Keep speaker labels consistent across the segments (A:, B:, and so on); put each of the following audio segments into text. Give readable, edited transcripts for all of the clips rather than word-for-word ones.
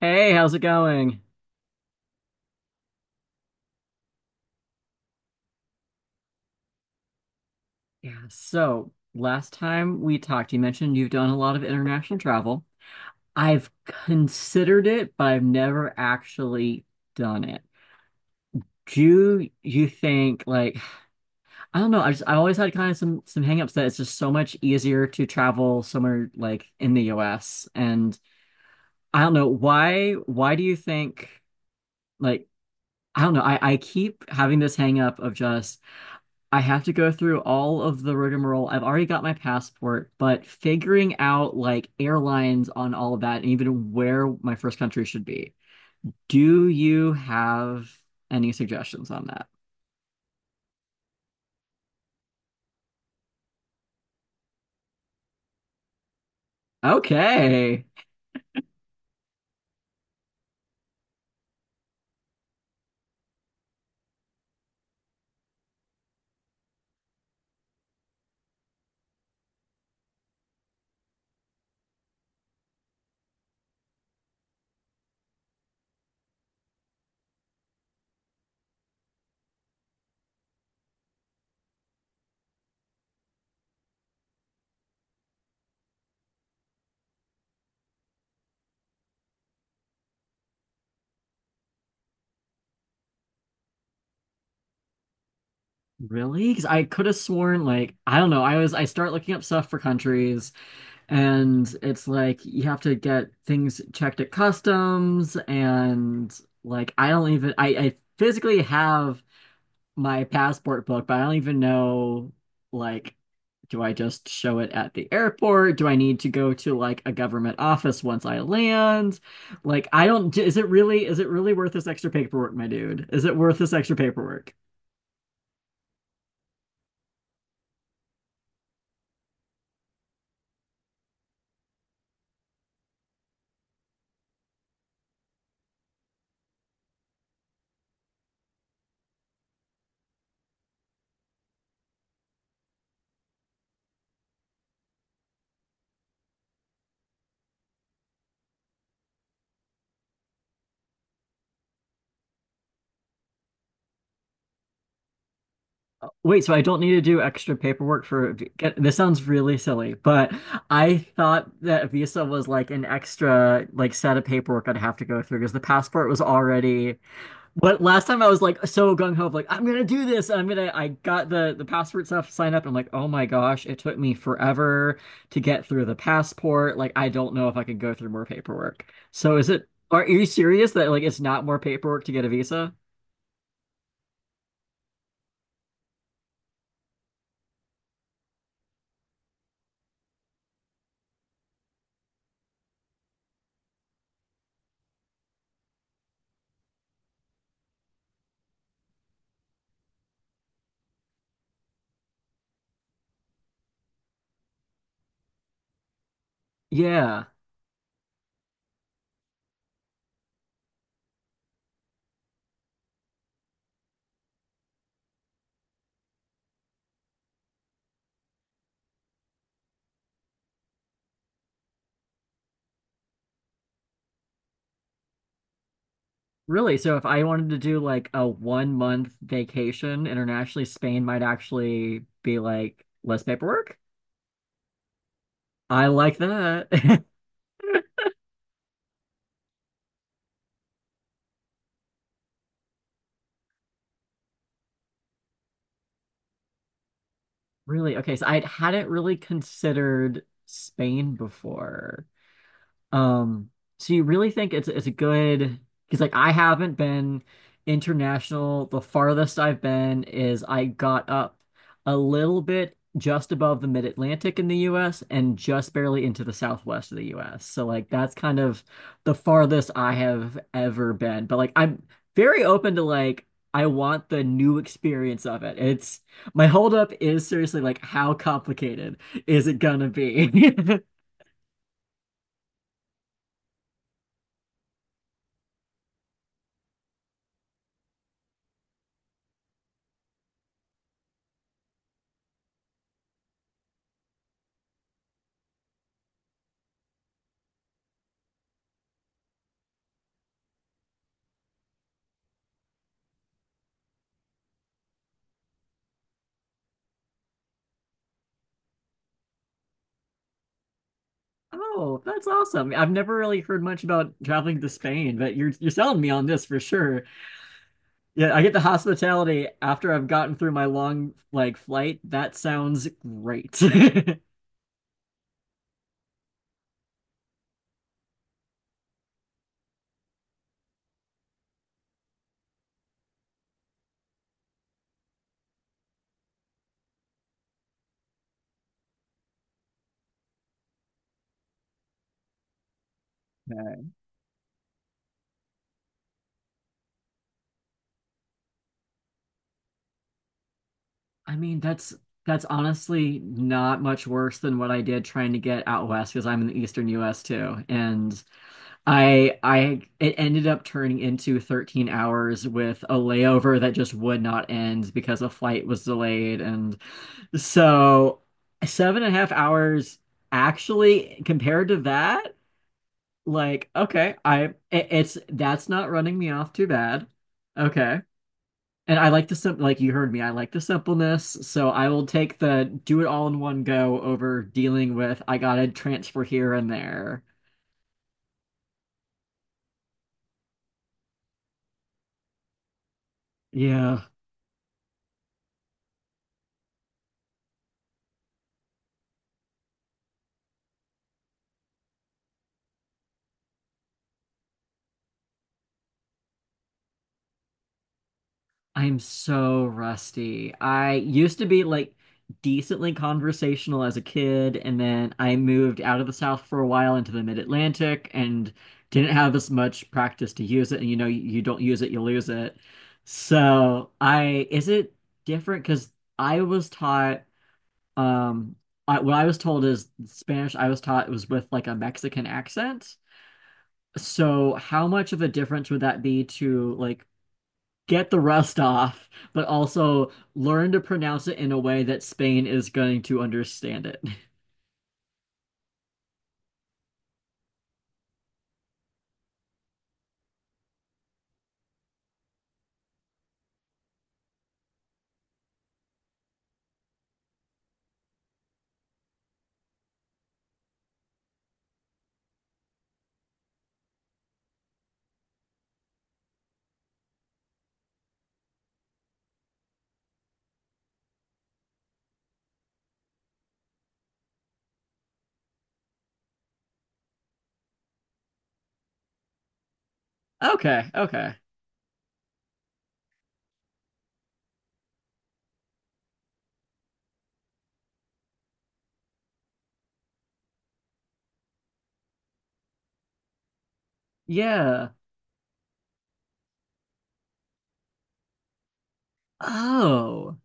A: Hey, how's it going? Yeah, so last time we talked, you mentioned you've done a lot of international travel. I've considered it, but I've never actually done it. Do you think like I don't know, I just I always had kind of some hangups that it's just so much easier to travel somewhere like in the US. And I don't know why do you think like I don't know, I keep having this hang up of just I have to go through all of the rigmarole. I've already got my passport, but figuring out like airlines on all of that and even where my first country should be. Do you have any suggestions on that? Okay. Really? Because I could have sworn like I don't know. I was I start looking up stuff for countries and it's like you have to get things checked at customs, and like I don't even I physically have my passport book, but I don't even know like do I just show it at the airport? Do I need to go to like a government office once I land? Like I don't is it really worth this extra paperwork, my dude? Is it worth this extra paperwork? Wait, so I don't need to do extra paperwork for get, this sounds really silly, but I thought that Visa was like an extra like set of paperwork I'd have to go through because the passport was already. But last time I was like so gung ho, like I'm gonna do this. I'm gonna. I got the passport stuff signed up. And I'm like, oh my gosh, it took me forever to get through the passport. Like I don't know if I can go through more paperwork. So is it? Are you serious that like it's not more paperwork to get a visa? Yeah, really. So if I wanted to do like a 1 month vacation internationally, Spain might actually be like less paperwork. I like that. Really? Okay, so I hadn't really considered Spain before. Um, so you really think it's a good, because like I haven't been international. The farthest I've been is I got up a little bit just above the mid-Atlantic in the US and just barely into the southwest of the US. So like that's kind of the farthest I have ever been. But like I'm very open to like I want the new experience of it. It's my holdup is seriously like how complicated is it gonna be? Oh, that's awesome. I've never really heard much about traveling to Spain, but you're selling me on this for sure. Yeah, I get the hospitality after I've gotten through my long like flight. That sounds great. Okay. I mean, that's honestly not much worse than what I did trying to get out west, because I'm in the eastern US too. And I it ended up turning into 13 hours with a layover that just would not end because a flight was delayed. And so seven and a half hours actually compared to that, like, okay, I it, it's that's not running me off too bad. Okay. And I like the simple, like you heard me, I like the simpleness. So I will take the do it all in one go over dealing with I gotta transfer here and there. Yeah. I'm so rusty. I used to be like decently conversational as a kid, and then I moved out of the South for a while into the mid-Atlantic and didn't have as much practice to use it. And you know, you don't use it, you lose it. So I, is it different? Because I was taught, um, I, what I was told is Spanish I was taught was with like a Mexican accent. So how much of a difference would that be to like get the rust off, but also learn to pronounce it in a way that Spain is going to understand it? Okay, okay. Yeah. Oh,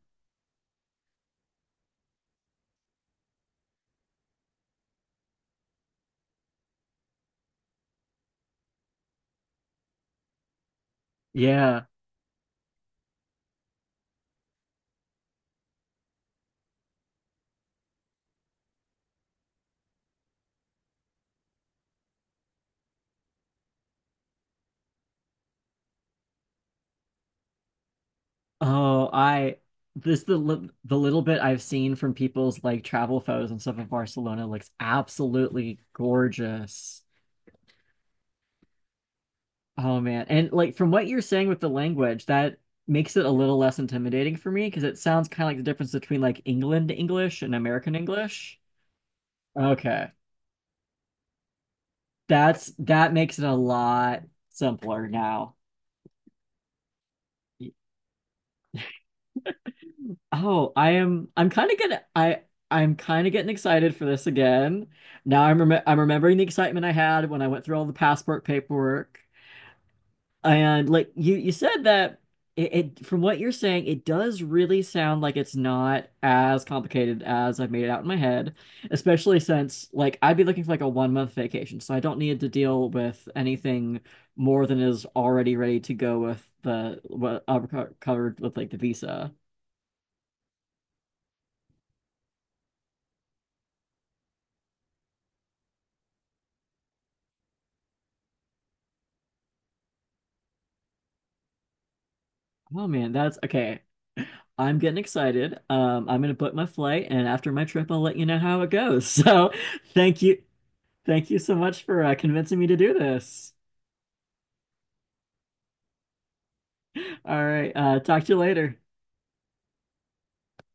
A: yeah. Oh, I this the li- the little bit I've seen from people's like travel photos and stuff of Barcelona looks absolutely gorgeous. Oh man. And like from what you're saying with the language, that makes it a little less intimidating for me, because it sounds kind of like the difference between like England English and American English. Okay. That's that makes it a lot simpler now. Oh, I am I'm kind of getting I I'm kind of getting excited for this again. Now I'm remembering the excitement I had when I went through all the passport paperwork. And like you said that it, it from what you're saying, it does really sound like it's not as complicated as I've made it out in my head, especially since like I'd be looking for like a 1 month vacation, so I don't need to deal with anything more than is already ready to go with the what covered with like the visa. Oh man, that's okay. I'm getting excited. I'm gonna book my flight, and after my trip, I'll let you know how it goes. So, thank you, thank you so much for convincing me to do this. All right, talk to you later.